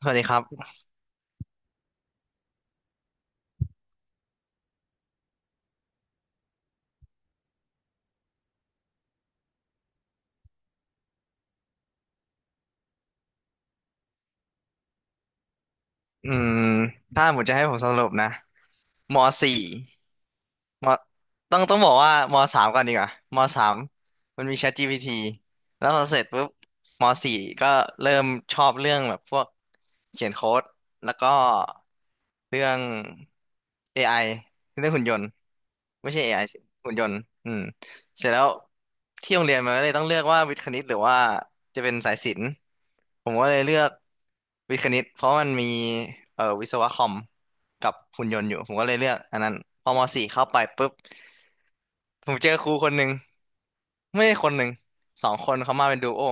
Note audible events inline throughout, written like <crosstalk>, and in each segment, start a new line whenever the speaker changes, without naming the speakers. สวัสดีครับอืมถ้าหมดจะให้ผมสรุปนะมสี่ มต้องบอกว่ามสามก่อนดีกว่ามสามมันมี ChatGPT แล้วพอเสร็จปุ๊บมสี่ก็เริ่มชอบเรื่องแบบพวกเขียนโค้ดแล้วก็เรื่อง AI เรื่องหุ่นยนต์ไม่ใช่ AI สิหุ่นยนต์อืมเสร็จแล้วที่โรงเรียนมันก็เลยต้องเลือกว่าวิทย์คณิตหรือว่าจะเป็นสายศิลป์ผมก็เลยเลือกวิทย์คณิตเพราะมันมีวิศวะคอม กับหุ่นยนต์อยู่ผมก็เลยเลือกอันนั้นพอมสี่เข้าไปปุ๊บผมเจอครูคนหนึ่งไม่ใช่คนหนึ่งสองคนเขามาเป็นดูโอ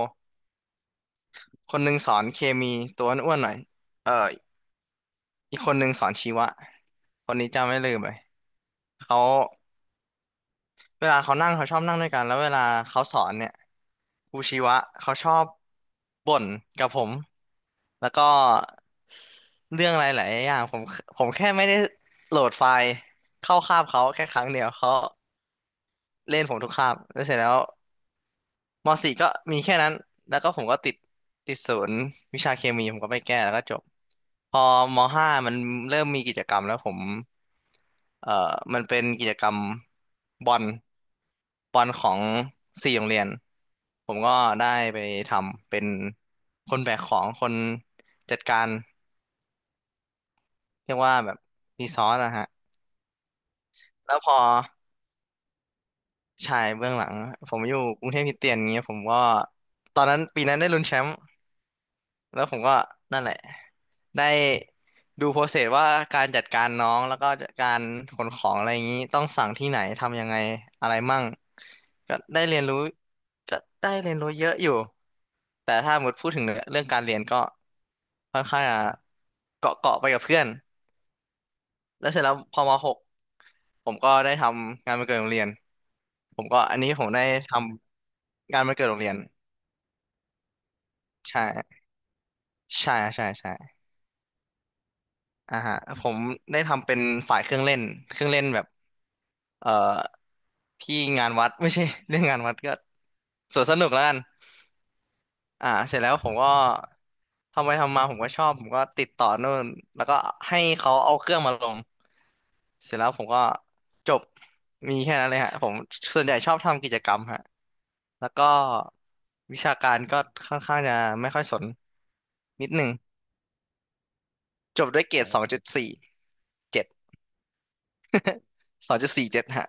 คนหนึ่งสอนเคมีตัวอ้วนๆหน่อยเอ่ออีกคนหนึ่งสอนชีวะคนนี้จำไม่ลืมเลยเขาเวลาเขานั่งเขาชอบนั่งด้วยกันแล้วเวลาเขาสอนเนี่ยครูชีวะเขาชอบบ่นกับผมแล้วก็เรื่องอะไรหลายๆอย่างผมแค่ไม่ได้โหลดไฟล์เข้าคาบเขาแค่ครั้งเดียวเขา เล่นผมทุกคาบแล้วเสร็จแล้วมสี่ก็มีแค่นั้นแล้วก็ผมก็ติดศูนย์วิชาเคมีผมก็ไปแก้แล้วก็จบพอมห้ามันเริ่มมีกิจกรรมแล้วผมเอ่อมันเป็นกิจกรรมบอลบอลของสี่โรงเรียนผมก็ได้ไปทำเป็นคนแบกของคนจัดการเรียกว่าแบบรีซอสนะฮะแล้วพอชายเบื้องหลังผมอยู่กรุงเทพคริสเตียนอย่างเงี้ยผมก็ตอนนั้นปีนั้นได้ลุ้นแชมป์ แล้วผมก็นั่นแหละได้ดูโปรเซสว่าการจัดการน้องแล้วก็การขนของอะไรอย่างนี้ต้องสั่งที่ไหนทำยังไงอะไรมั่งก็ได้เรียนรู้ก็ได้เรียนรู้เยอะอยู่แต่ถ้าหมดพูดถึงเรื่องการเรียนก็ค่อนข้างจะเกาะไปกับเพื่อนแล้วเสร็จแล้วพอมหกผมก็ได้ทำงานวันเกิดโรงเรียนผมก็อันนี้ผมได้ทำงานวันเกิดโรงเรียนใช่ใช่ใช่ใช่ อ่าฮะผมได้ทำเป็นฝ่ายเครื่องเล่นเครื่องเล่นแบบเอ่อที่งานวัด <laughs> ไม่ใช่ <laughs> เรื่องงานวัดก็สวนสนุกแล้วกันอ่าเสร็จแล้วผมก็ทำไปทำมาผมก็ชอบผมก็ติดต่อนู่นแล้วก็ให้เขาเอาเครื่องมาลงเสร็จแล้วผมก็จบมีแค่นั้นเลยฮะผมส่วนใหญ่ชอบทำกิจกรรมฮะแล้วก็วิชาการก็ค่อนข้างจะไม่ค่อยสนนิดหนึ่งจบด้วยเกรดสองจุดสี่เจ็ดสองจุดสี่เจ็ดฮะ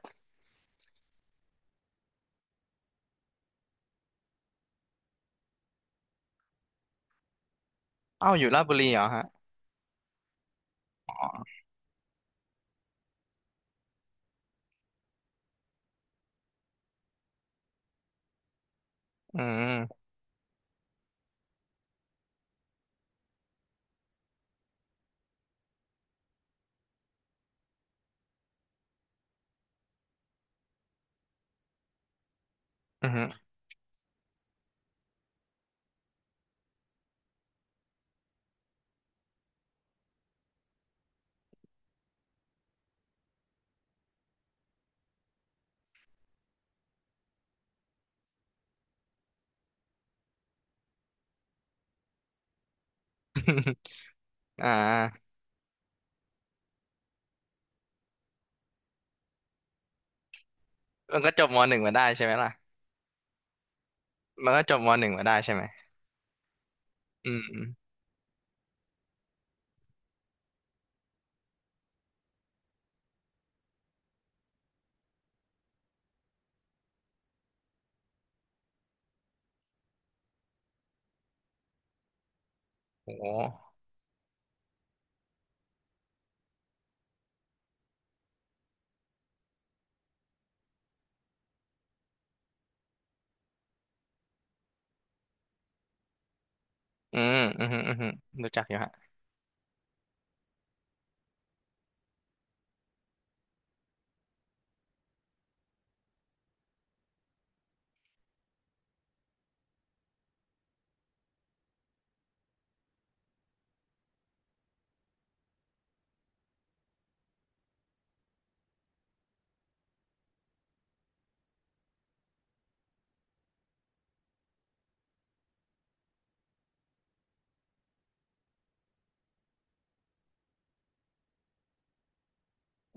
อ้าวอยู่ราชบุรีเหรอฮะอืมอืม <laughs> อ่ามันก็จบมหนึ่งมาได้ใช่ไหมล่ะมันก็จบมหนึ่งมาได้ใช่ไหมอืมอืมโหอืมอืมอหืมออืมรู้จักอยู่ฮะ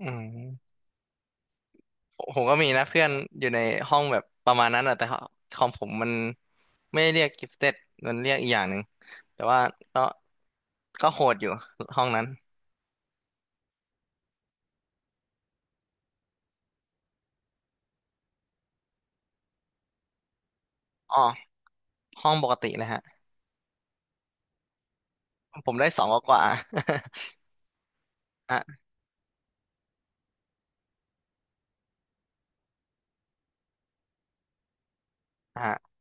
อืมผมก็มีนะเพื่อนอยู่ในห้องแบบประมาณนั้นอะแต่คอมผมมันไม่ได้เรียกกิฟเต็ดมันเรียกอีกอย่างหนึ่งแต่ว่าก็ก็โหดอยู่ห้องนั้นอ๋อห้องปกติเลยฮะผมได้สองกว่าๆ <laughs> อ่ะอ่ะ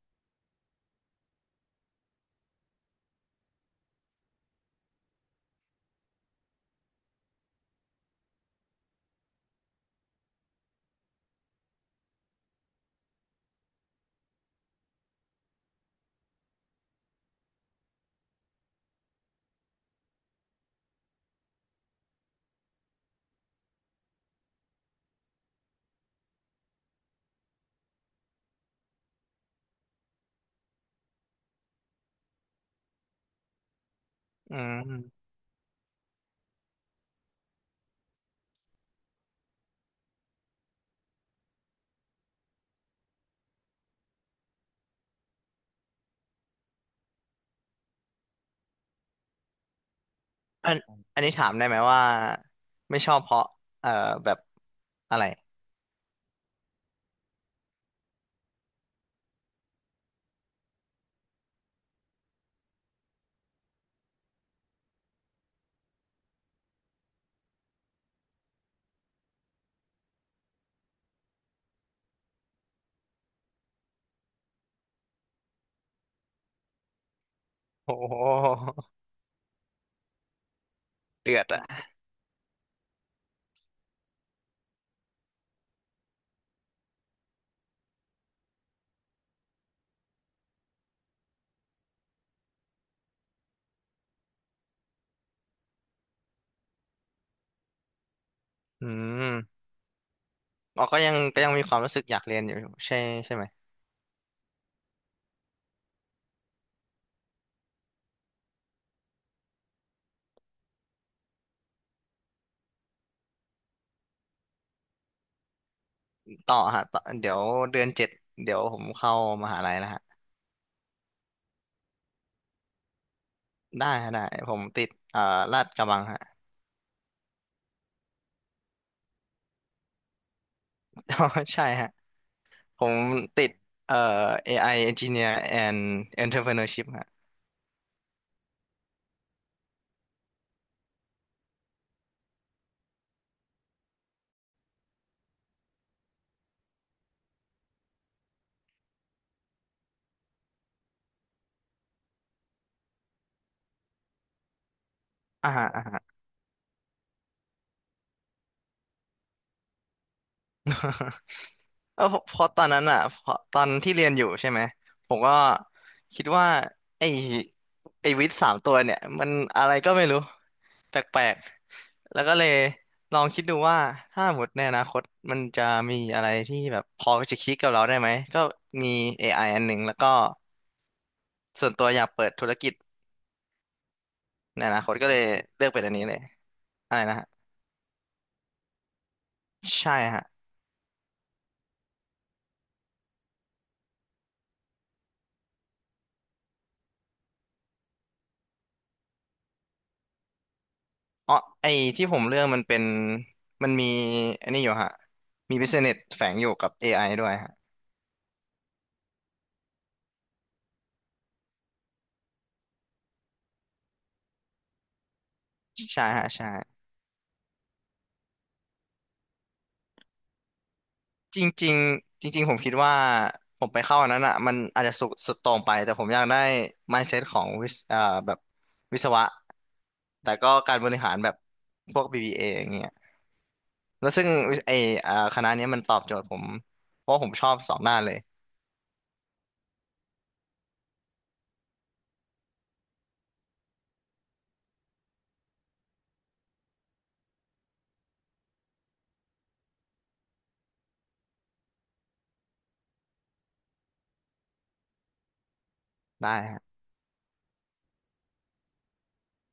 อืม อันอันนี้ถามได้ไหมว่าไม่ชอบเพราะเอ่อแบบอะไรโอ้โหเดือดอ่ะอืมเราก็ยังก็ยังมีความรู้สึกอยากเรียนอยู่ใช่ใช่ไหมต่อฮะต่อเดี๋ยวเดือนเจ็ดเดี๋ยวผมเข้ามหาลัยแล้วฮะได้ฮะได้ผมติดลาดกระบังฮะ <laughs> ใช่ฮะผมติดเอ่อ AI Engineer and Entrepreneurship ฮะอ่าฮะ เออเพราะตอนนั้นอ่ะเพราะตอนที่เรียนอยู่ใช่ไหมผมก็คิดว่าไอ้ไอ้วิทย์สามตัวเนี่ยมันอะไรก็ไม่รู้แปลกๆแล้วก็เลยลองคิดดูว่าถ้าหมดในอนาคตมันจะมีอะไรที่แบบพอจะคิดกับเราได้ไหมก็มี AI อไออันหนึ่งแล้วก็ส่วนตัวอยากเปิดธุรกิจในอนาคตก็เลยเลือกเป็นอันนี้เลยอะไรนะฮะใช่ฮะ อ๋อไอที่ผมเลือกมันเป็นมันมีอันนี้อยู่ฮะมี business แฝงอยู่กับ AI ด้วยฮะใช่ฮะใช่จริงๆจริงๆผมคิดว่าผมไปเข้าอันนั้นอ่ะมันอาจจะสุดโต่งไปแต่ผมอยากได้ mindset ของวิศแบบวิศวะแต่ก็การบริหารแบบพวก BBA ออย่างเงี้ยแล้วซึ่งไอคณะเนี้ยมันตอบโจทย์ผมเพราะว่าผมชอบสองด้านเลยได้